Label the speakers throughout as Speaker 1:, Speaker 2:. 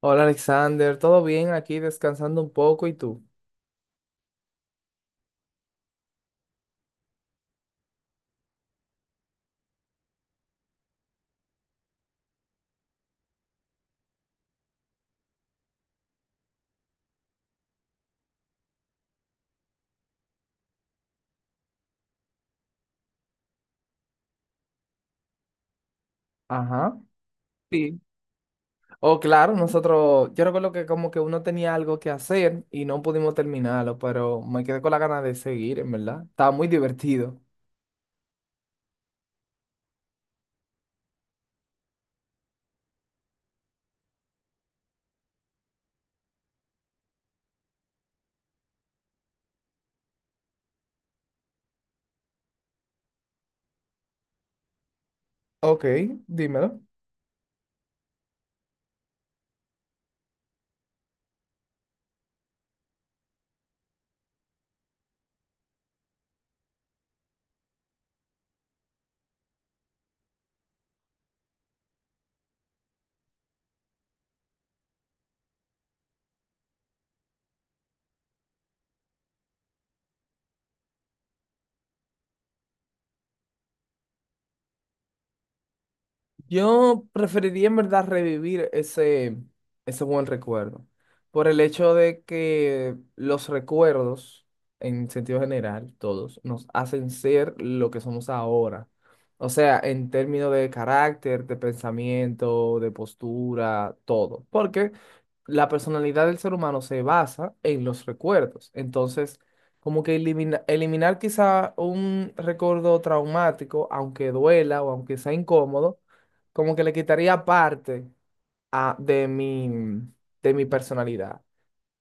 Speaker 1: Hola Alexander, ¿todo bien? Aquí descansando un poco, ¿y tú? Ajá. Sí. Oh, claro, nosotros, yo recuerdo que como que uno tenía algo que hacer y no pudimos terminarlo, pero me quedé con la gana de seguir, en verdad. Estaba muy divertido. Ok, dímelo. Yo preferiría en verdad revivir ese, ese buen recuerdo, por el hecho de que los recuerdos, en sentido general, todos, nos hacen ser lo que somos ahora. O sea, en términos de carácter, de pensamiento, de postura, todo. Porque la personalidad del ser humano se basa en los recuerdos. Entonces, como que eliminar quizá un recuerdo traumático, aunque duela o aunque sea incómodo, como que le quitaría parte a- de mi, de mi personalidad.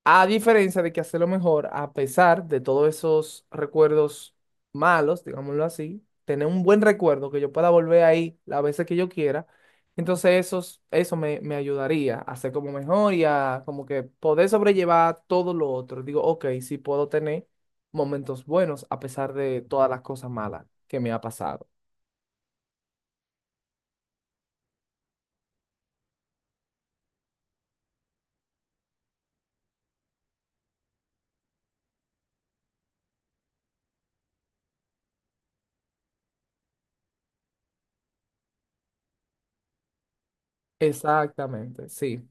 Speaker 1: A diferencia de que hacerlo mejor, a pesar de todos esos recuerdos malos, digámoslo así, tener un buen recuerdo que yo pueda volver ahí las veces que yo quiera, entonces esos, eso me, me ayudaría a ser como mejor y a como que poder sobrellevar todo lo otro. Digo, ok, sí puedo tener momentos buenos a pesar de todas las cosas malas que me ha pasado. Exactamente, sí,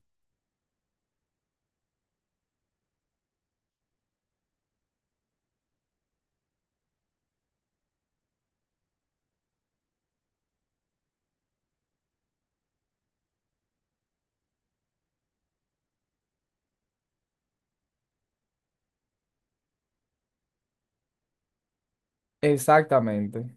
Speaker 1: exactamente.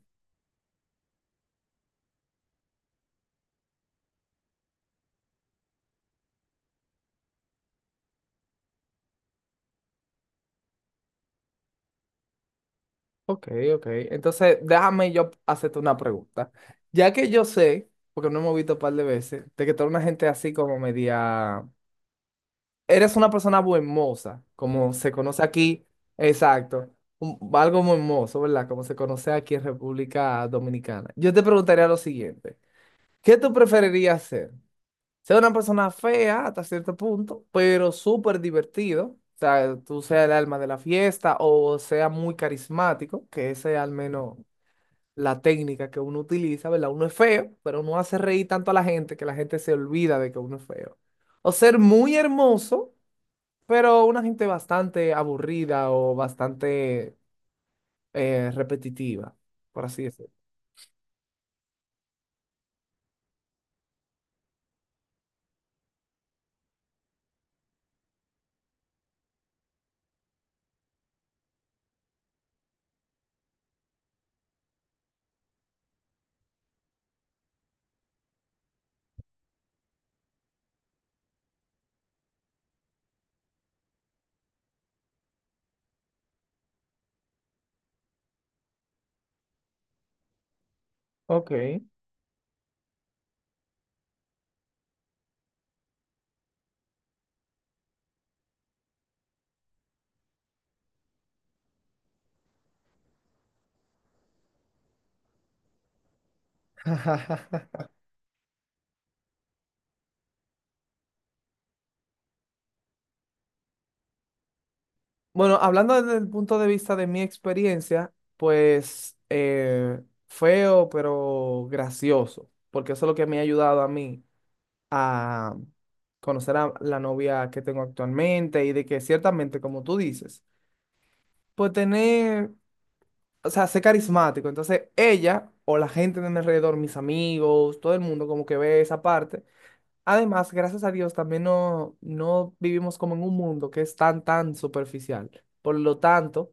Speaker 1: Ok, ok. Entonces, déjame yo hacerte una pregunta. Ya que yo sé, porque no hemos visto un par de veces, de que toda una gente así como media... Eres una persona buenmoza, como se conoce aquí. Exacto. Algo muy hermoso, ¿verdad? Como se conoce aquí en República Dominicana. Yo te preguntaría lo siguiente. ¿Qué tú preferirías ser? Ser una persona fea hasta cierto punto, pero súper divertido. O sea, tú seas el alma de la fiesta o sea muy carismático, que ese al menos la técnica que uno utiliza, ¿verdad? Uno es feo, pero uno hace reír tanto a la gente que la gente se olvida de que uno es feo. O ser muy hermoso, pero una gente bastante aburrida o bastante repetitiva, por así decirlo. Ok. Bueno, hablando desde el punto de vista de mi experiencia, pues feo, pero gracioso, porque eso es lo que me ha ayudado a mí, a conocer a la novia que tengo actualmente y de que ciertamente, como tú dices, pues tener, o sea, ser carismático. Entonces ella o la gente de mi alrededor, mis amigos, todo el mundo como que ve esa parte. Además, gracias a Dios también no, no vivimos como en un mundo que es tan, tan superficial. Por lo tanto,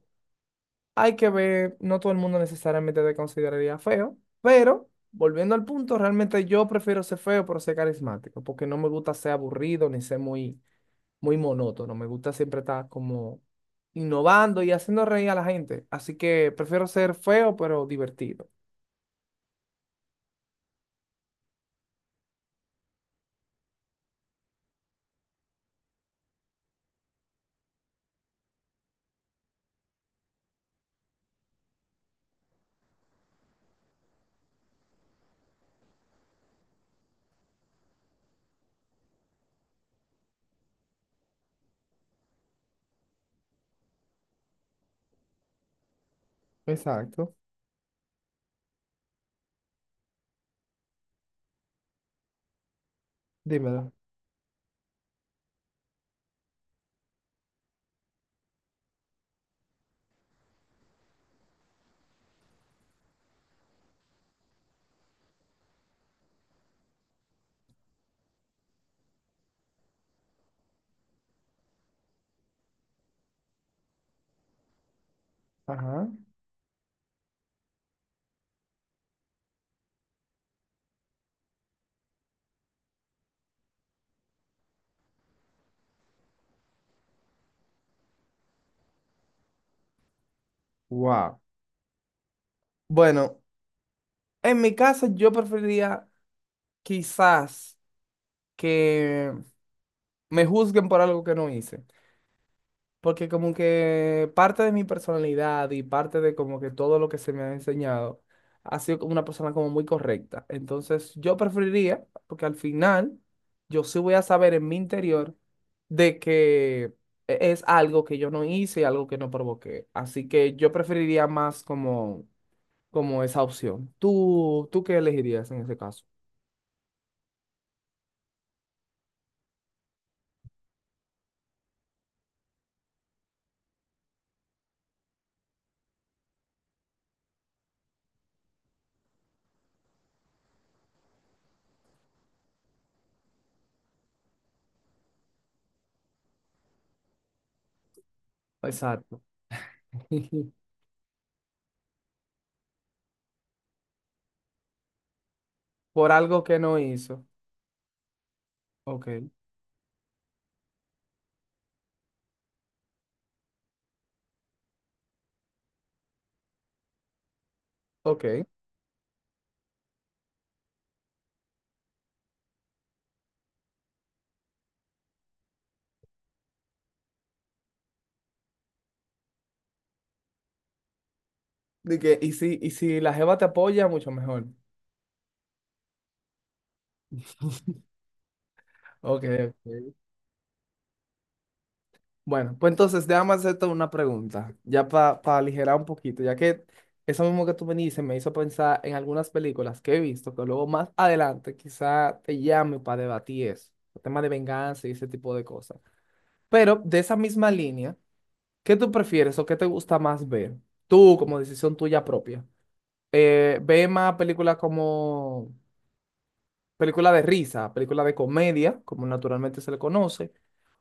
Speaker 1: hay que ver, no todo el mundo necesariamente te consideraría feo, pero... Volviendo al punto, realmente yo prefiero ser feo, pero ser carismático, porque no me gusta ser aburrido ni ser muy, muy monótono. Me gusta siempre estar como innovando y haciendo reír a la gente. Así que prefiero ser feo, pero divertido. Exacto. Dímelo. Ajá. Wow. Bueno, en mi caso, yo preferiría quizás que me juzguen por algo que no hice. Porque como que parte de mi personalidad y parte de como que todo lo que se me ha enseñado ha sido como una persona como muy correcta. Entonces yo preferiría, porque al final yo sí voy a saber en mi interior de que es algo que yo no hice y algo que no provoqué. Así que yo preferiría más como, como esa opción. ¿Tú, tú qué elegirías en ese caso? Exacto. Por algo que no hizo. Ok, ok. De que, y si la jeva te apoya, mucho mejor. Ok, ok. Bueno, pues entonces déjame hacerte una pregunta, ya para aligerar un poquito, ya que eso mismo que tú me dices me hizo pensar en algunas películas que he visto, que luego más adelante quizá te llame para debatir eso, el tema de venganza y ese tipo de cosas. Pero de esa misma línea, ¿qué tú prefieres o qué te gusta más ver? Tú, como decisión tuya propia. ¿Ve más películas como... película de risa, película de comedia, como naturalmente se le conoce,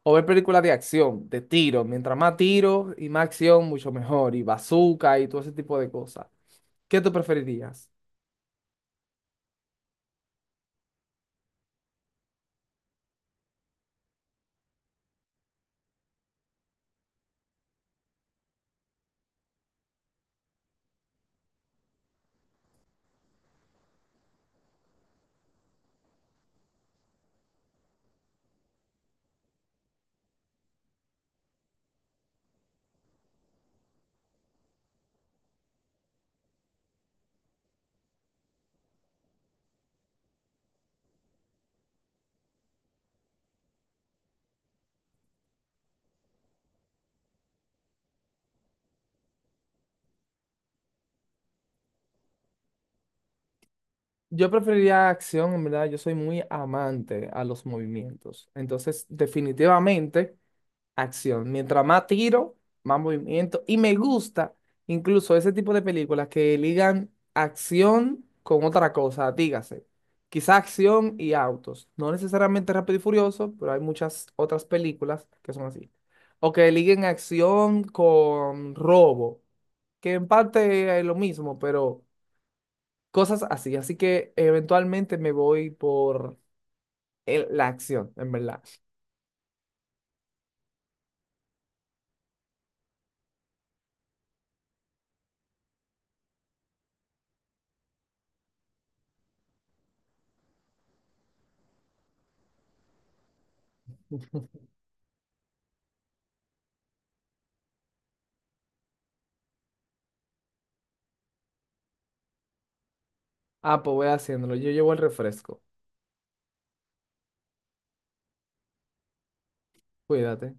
Speaker 1: o ver películas de acción, de tiro? Mientras más tiro y más acción, mucho mejor. Y bazooka y todo ese tipo de cosas. ¿Qué tú preferirías? Yo preferiría acción, en verdad, yo soy muy amante a los movimientos. Entonces, definitivamente acción. Mientras más tiro, más movimiento. Y me gusta incluso ese tipo de películas que ligan acción con otra cosa, dígase. Quizá acción y autos. No necesariamente Rápido y Furioso, pero hay muchas otras películas que son así. O que liguen acción con robo, que en parte es lo mismo, pero cosas así. Así que eventualmente me voy por la acción, en verdad. Ah, pues voy haciéndolo. Yo llevo el refresco. Cuídate.